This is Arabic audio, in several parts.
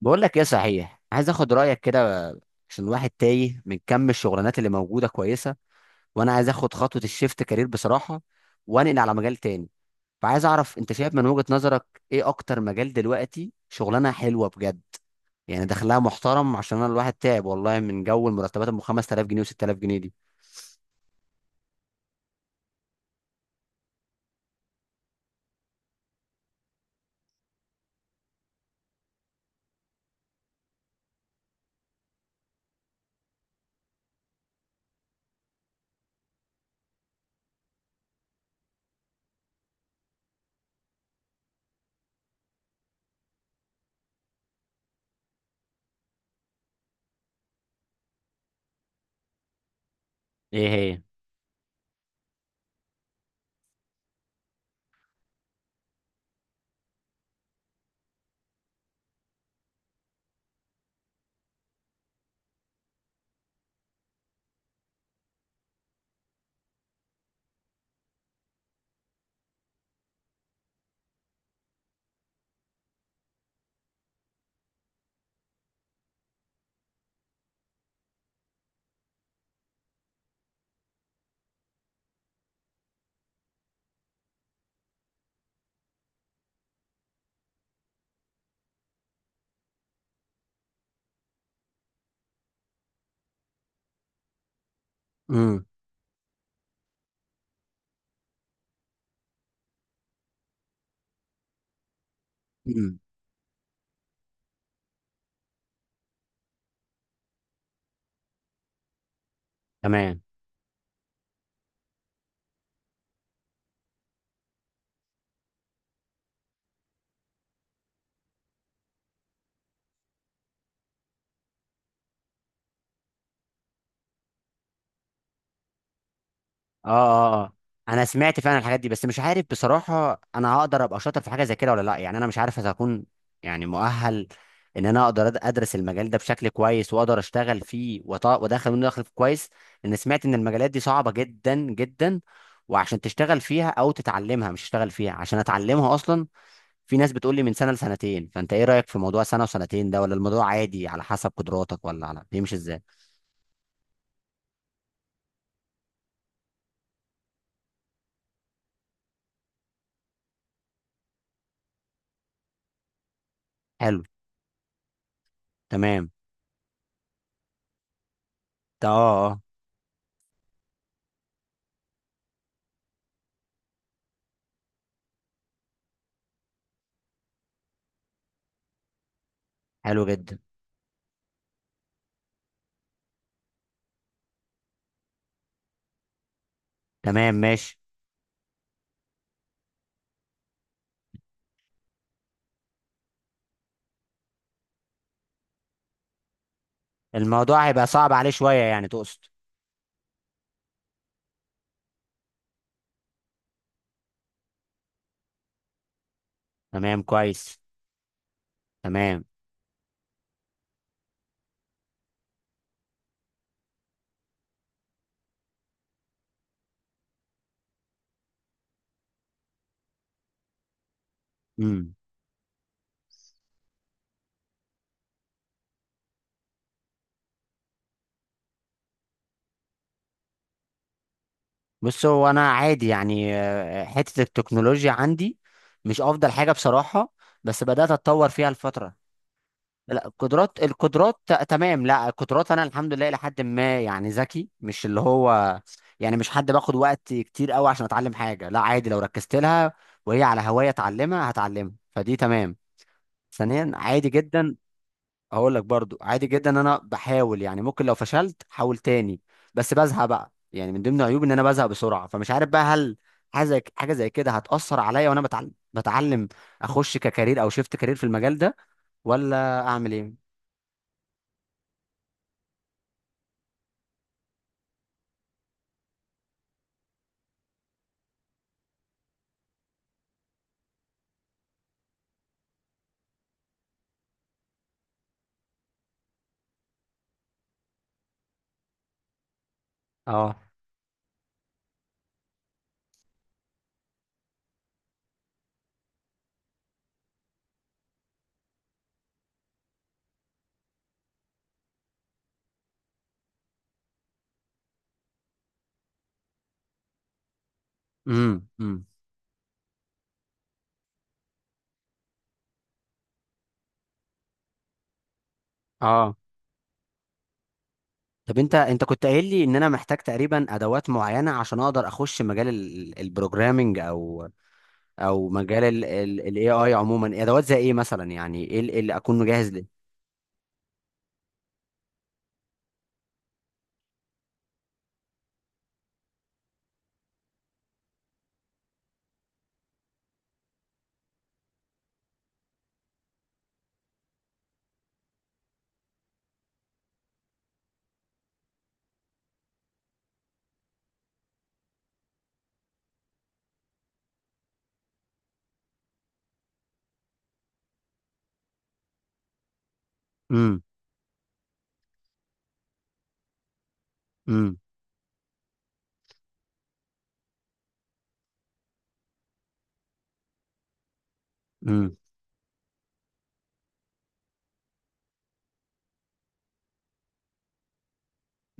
بقول لك ايه، صحيح عايز اخد رايك كده عشان الواحد تايه من كم الشغلانات اللي موجوده كويسه. وانا عايز اخد خطوه الشيفت كارير بصراحه وانقل على مجال تاني. فعايز اعرف انت شايف من وجهه نظرك ايه اكتر مجال دلوقتي شغلانه حلوه بجد، يعني دخلها محترم، عشان انا الواحد تعب والله من جو المرتبات 5000 جنيه و6000 جنيه دي. ايه هي؟ امم امم. تمام. اه اه اه. انا سمعت فعلا الحاجات دي، بس مش عارف بصراحه انا هقدر ابقى شاطر في حاجه زي كده ولا لا. يعني انا مش عارف اذا هكون يعني مؤهل ان انا اقدر ادرس المجال ده بشكل كويس واقدر اشتغل فيه وادخل منه دخل كويس. لان سمعت ان المجالات دي صعبه جدا جدا، وعشان تشتغل فيها او تتعلمها، مش تشتغل فيها عشان اتعلمها اصلا. في ناس بتقول لي من سنه لسنتين، فانت ايه رايك في موضوع سنه وسنتين ده؟ ولا الموضوع عادي على حسب قدراتك، ولا على بيمشي ازاي؟ حلو. تمام. اه اه. حلو جدا. تمام، ماشي. الموضوع هيبقى صعب عليه شوية يعني، تقصد؟ تمام كويس. تمام. امم. بص هو انا عادي يعني، حتة التكنولوجيا عندي مش افضل حاجة بصراحة، بس بدأت اتطور فيها الفترة. لا القدرات، القدرات تمام. لا القدرات انا الحمد لله لحد ما يعني ذكي، مش اللي هو يعني مش حد باخد وقت كتير قوي عشان اتعلم حاجة. لا عادي، لو ركزت لها وهي على هواية اتعلمها هتعلمها، فدي تمام. ثانيا عادي جدا، هقول لك برضو عادي جدا ان انا بحاول، يعني ممكن لو فشلت حاول تاني. بس بزهق بقى، يعني من ضمن عيوبي ان انا بزهق بسرعه، فمش عارف بقى هل حاجه زي كده هتاثر عليا وانا بتعلم اخش ككارير او شيفت كارير في المجال ده ولا اعمل ايه؟ اه. امم. امم. اه. طب انت كنت قايل لي ان انا محتاج تقريبا ادوات معينه عشان اقدر اخش مجال البروجرامنج او مجال الاي اي عموما، ادوات زي ايه مثلا؟ يعني ايه إيه اللي اكون مجهز ليه؟ امم. امم.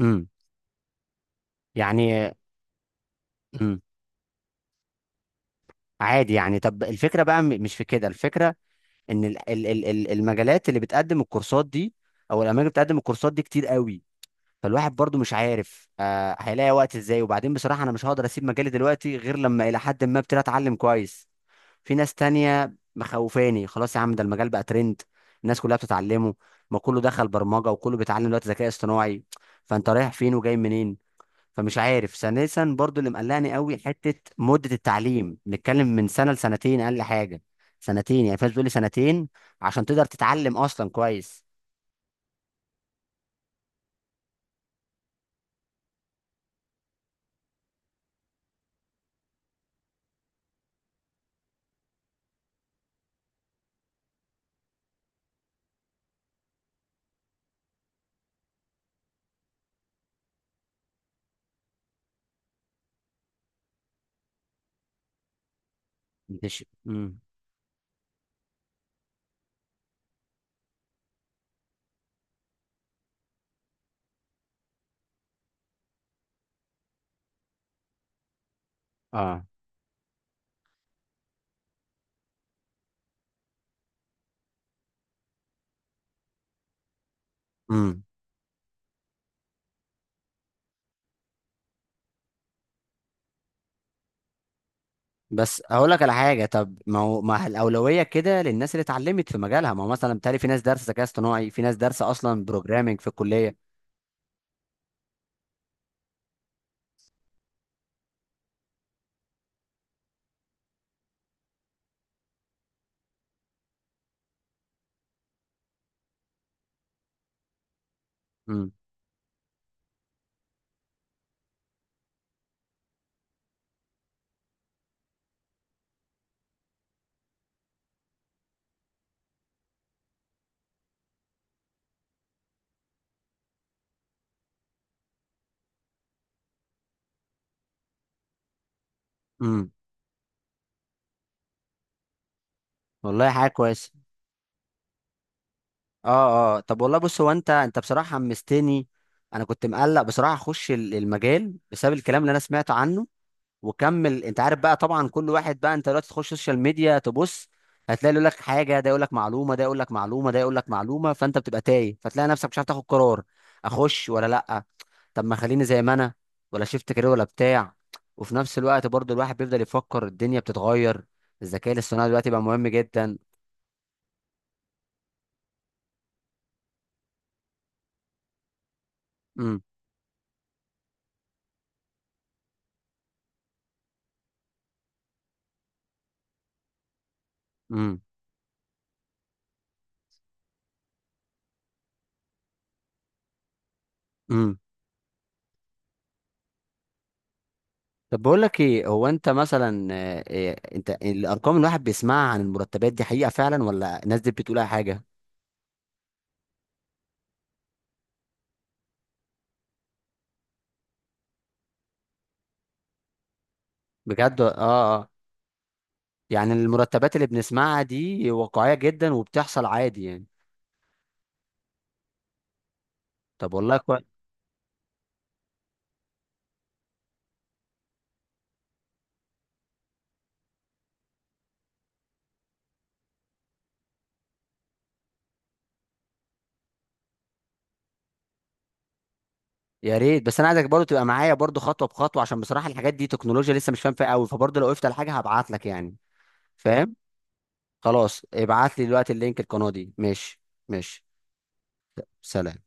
امم. يعني. امم. عادي يعني. طب الفكره بقى مش في كده الفكره، ان المجالات اللي بتقدم الكورسات دي او الاماكن اللي بتقدم الكورسات دي كتير قوي. فالواحد برضو مش عارف هيلاقي وقت ازاي. وبعدين بصراحه انا مش هقدر اسيب مجالي دلوقتي غير لما الى حد ما ابتدي اتعلم كويس. في ناس تانية مخوفاني خلاص يا عم، ده المجال بقى ترند، الناس كلها بتتعلمه، ما كله دخل برمجه وكله بيتعلم دلوقتي ذكاء اصطناعي، فانت رايح فين وجاي منين؟ فمش عارف. ثالثا برضو اللي مقلقني قوي حته مده التعليم، نتكلم من سنه لسنتين اقل حاجه. سنتين يعني، فاز بيقول لي سنتين عشان تقدر تتعلم اصلا كويس. مش امم. اه. امم. بس اقول لك على حاجه، طب ما هو ما الاولويه كده للناس اللي اتعلمت في مجالها. ما هو مثلا بالتالي في ناس دارسه ذكاء اصطناعي، في ناس دارسه اصلا بروجرامنج في الكليه. امم. امم. والله حاجه كويسه. اه اه. طب والله بص، هو انت بصراحه حمستني. انا كنت مقلق بصراحه اخش المجال بسبب الكلام اللي انا سمعته عنه. وكمل انت عارف بقى، طبعا كل واحد بقى، انت دلوقتي تخش سوشيال ميديا تبص هتلاقي يقول لك حاجه، ده يقول لك معلومه، ده يقول لك معلومه، ده يقول لك معلومه، فانت بتبقى تايه فتلاقي نفسك مش عارف تاخد قرار. اخش ولا لا؟ طب ما خليني زي ما انا، ولا شفت كارير ولا بتاع. وفي نفس الوقت برضو الواحد بيفضل يفكر الدنيا بتتغير، الذكاء الاصطناعي دلوقتي بقى مهم جدا. امم. امم. امم. طب بقول لك ايه، هو انت مثلا إيه انت الارقام اللي الواحد بيسمعها عن المرتبات دي حقيقه فعلا، ولا الناس دي بتقول اي حاجه؟ بجد، اه اه. يعني المرتبات اللي بنسمعها دي واقعيه جدا وبتحصل عادي يعني. طب والله كويس. يا ريت، بس انا عايزك برضه تبقى معايا برضه خطوه بخطوه عشان بصراحه الحاجات دي تكنولوجيا لسه مش فاهم فيها قوي، فبرضه لو وقفت على حاجه هبعت لك يعني، فاهم. خلاص ابعت لي دلوقتي اللينك القناه دي. ماشي. ماشي. سلام.